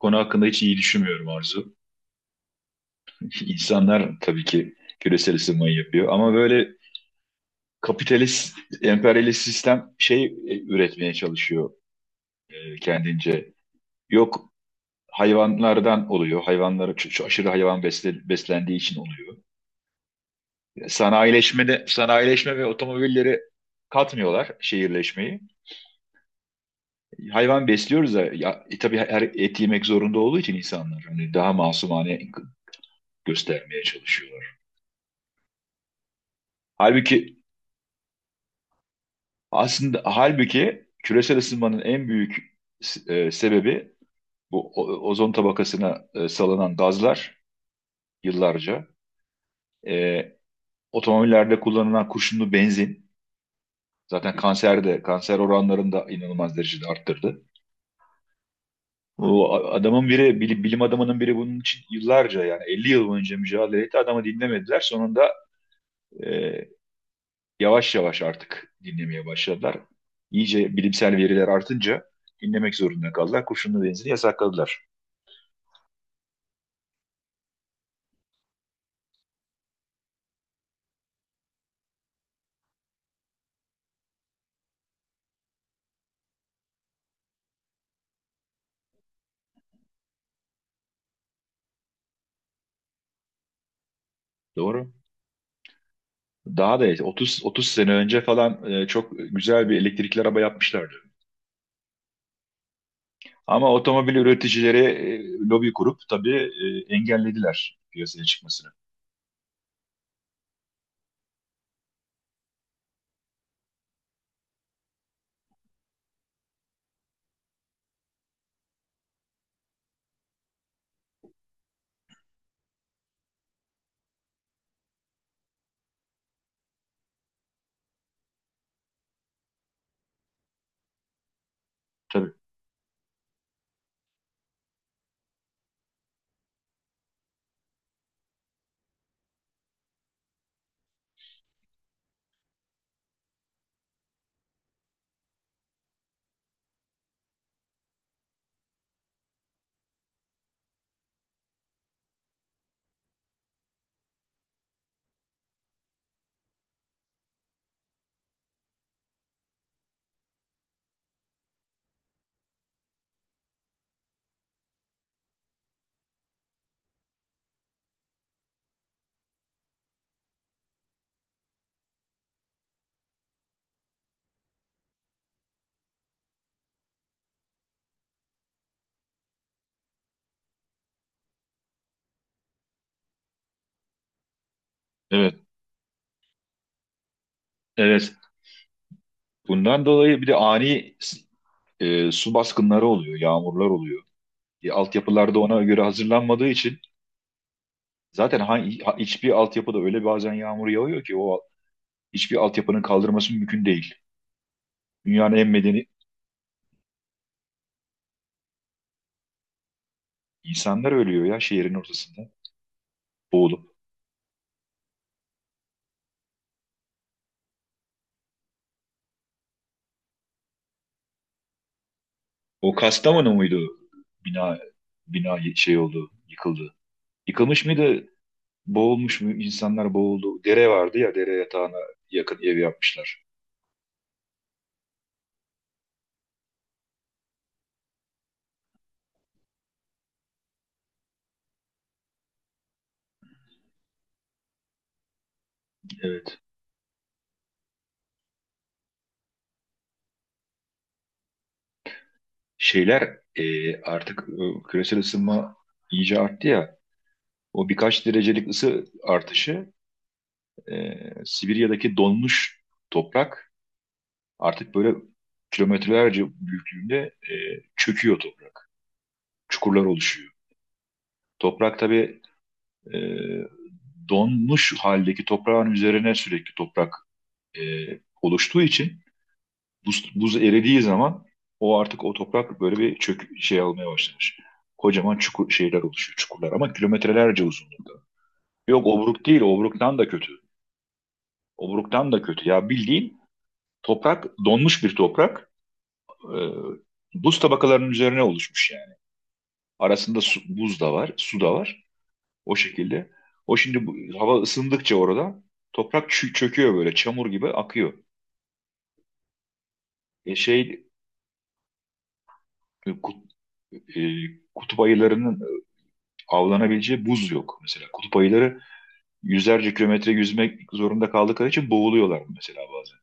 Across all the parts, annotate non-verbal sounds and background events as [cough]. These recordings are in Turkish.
Konu hakkında hiç iyi düşünmüyorum, Arzu. [laughs] İnsanlar tabii ki küresel ısınmayı yapıyor ama böyle kapitalist, emperyalist sistem şey üretmeye çalışıyor, kendince. Yok, hayvanlardan oluyor. Hayvanlara aşırı hayvan beslendiği için oluyor. Sanayileşme de sanayileşme ve otomobilleri katmıyorlar şehirleşmeyi. Hayvan besliyoruz da ya, tabii her et yemek zorunda olduğu için insanlar hani daha masumane göstermeye çalışıyorlar. Halbuki Aslında halbuki küresel ısınmanın en büyük sebebi bu ozon tabakasına salınan gazlar yıllarca. E, Otomobillerde kullanılan kurşunlu benzin zaten kanserde kanser oranlarını da inanılmaz derecede arttırdı. Bu adamın biri bilim adamının biri bunun için yıllarca, yani 50 yıl boyunca mücadele etti. Adamı dinlemediler. Sonunda e, yavaş yavaş artık dinlemeye başladılar. İyice bilimsel veriler artınca dinlemek zorunda kaldılar. Kurşunlu benzini yasakladılar. Doğru. Daha da eski. 30 sene önce falan, çok güzel bir elektrikli araba yapmışlardı. Ama otomobil üreticileri lobi kurup tabii engellediler piyasaya çıkmasını. Tabii. Evet. Evet. Bundan dolayı bir de ani su baskınları oluyor, yağmurlar oluyor. Altyapılarda ona göre hazırlanmadığı için zaten hiçbir altyapıda öyle bazen yağmur yağıyor ki o hiçbir altyapının kaldırması mümkün değil. Dünyanın en medeni insanlar ölüyor ya şehrin ortasında boğulup. O Kastamonu muydu? Bina bina şey oldu, yıkıldı. Yıkılmış mıydı? Boğulmuş mu? İnsanlar boğuldu. Dere vardı ya, dere yatağına yakın ev yapmışlar. Evet. Şeyler artık küresel ısınma iyice arttı ya. O birkaç derecelik ısı artışı e, Sibirya'daki donmuş toprak artık böyle kilometrelerce büyüklüğünde e, çöküyor toprak. Çukurlar oluşuyor. Toprak tabii e, donmuş haldeki toprağın üzerine sürekli toprak e, oluştuğu için buz eridiği zaman o artık o toprak böyle bir çök şey almaya başlamış. Kocaman çukur şeyler oluşuyor, çukurlar ama kilometrelerce uzunluğunda. Yok, obruk değil, obruktan da kötü. Obruktan da kötü. Ya bildiğin toprak, donmuş bir toprak, e, buz tabakalarının üzerine oluşmuş yani. Arasında su, buz da var, su da var. O şekilde. O şimdi bu, hava ısındıkça orada toprak çöküyor böyle çamur gibi akıyor. E şey e, kut, e, Kutup ayılarının avlanabileceği buz yok mesela. Kutup ayıları yüzlerce kilometre yüzmek zorunda kaldıkları için boğuluyorlar mesela bazen.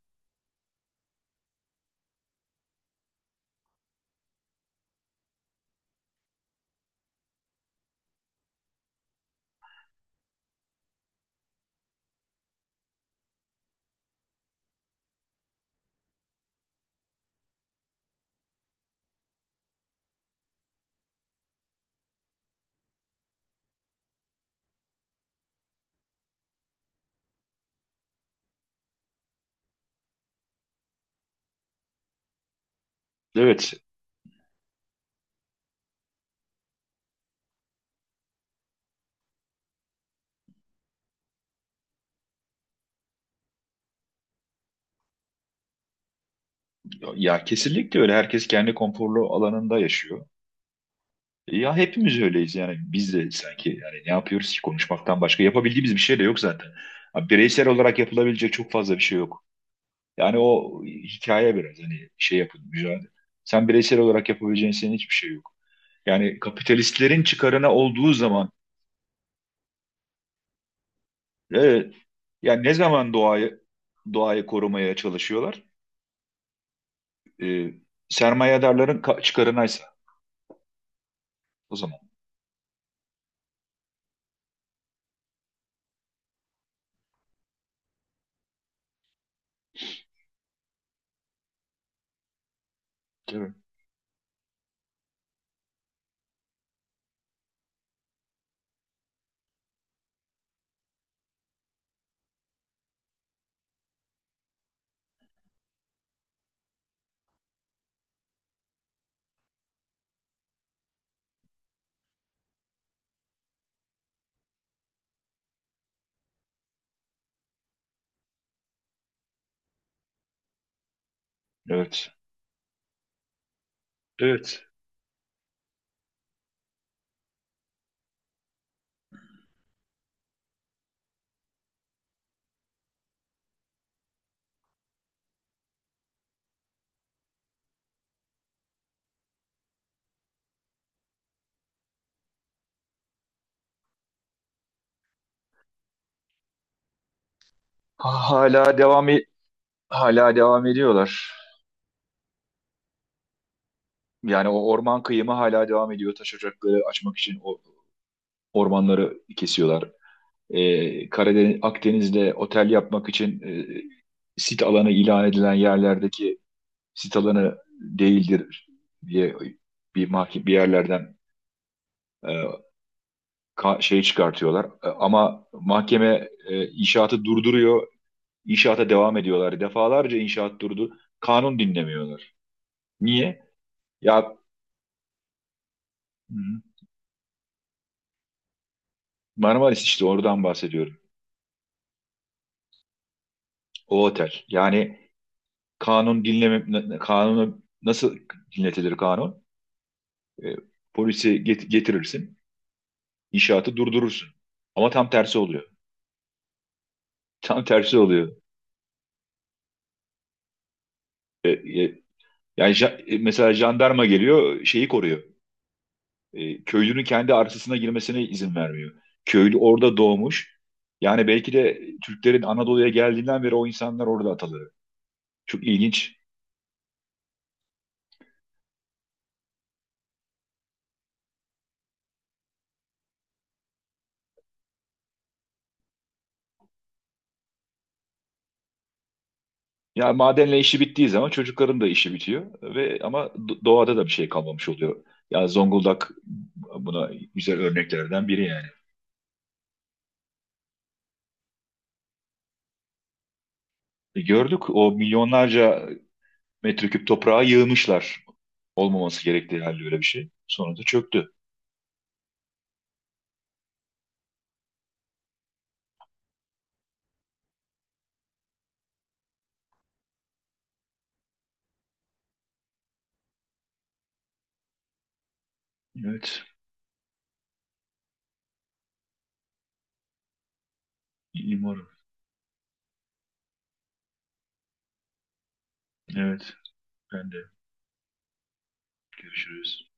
Evet, ya kesinlikle öyle. Herkes kendi konforlu alanında yaşıyor. Ya hepimiz öyleyiz, yani biz de sanki, yani ne yapıyoruz ki konuşmaktan başka yapabildiğimiz bir şey de yok zaten. Abi, bireysel olarak yapılabilecek çok fazla bir şey yok. Yani o hikaye biraz hani şey yapın mücadele. Sen bireysel olarak yapabileceğin senin hiçbir şey yok. Yani kapitalistlerin çıkarına olduğu zaman evet, yani ne zaman doğayı korumaya çalışıyorlar? Ee, Sermayedarların çıkarınaysa o zaman. Tabii. Evet. Evet. Ha- Hala devam e- hala devam ediyorlar. Yani o orman kıyımı hala devam ediyor. Taş ocakları açmak için o ormanları kesiyorlar. Karadeniz, Akdeniz'de otel yapmak için sit alanı ilan edilen yerlerdeki sit alanı değildir diye bir yerlerden e, şey çıkartıyorlar. Ama mahkeme inşaatı durduruyor. İnşaata devam ediyorlar. Defalarca inşaat durdu. Kanun dinlemiyorlar. Niye? Ya, hı, Marmaris işte oradan bahsediyorum. O otel. Yani kanun dinleme kanunu nasıl dinletilir kanun? E, Polisi getirirsin, inşaatı durdurursun. Ama tam tersi oluyor. [laughs] Tam tersi oluyor. E, e, yani mesela jandarma geliyor, şeyi koruyor. Köylünün kendi arsasına girmesine izin vermiyor. Köylü orada doğmuş. Yani belki de Türklerin Anadolu'ya geldiğinden beri o insanlar orada atalı. Çok ilginç. Ya madenle işi bittiği zaman çocukların da işi bitiyor ve ama doğada da bir şey kalmamış oluyor. Ya Zonguldak buna güzel örneklerden biri yani. Gördük o milyonlarca metreküp toprağa yığmışlar. Olmaması gerektiği halde öyle bir şey. Sonra da çöktü. Evet. İyi umarım. Evet. Ben de. Görüşürüz.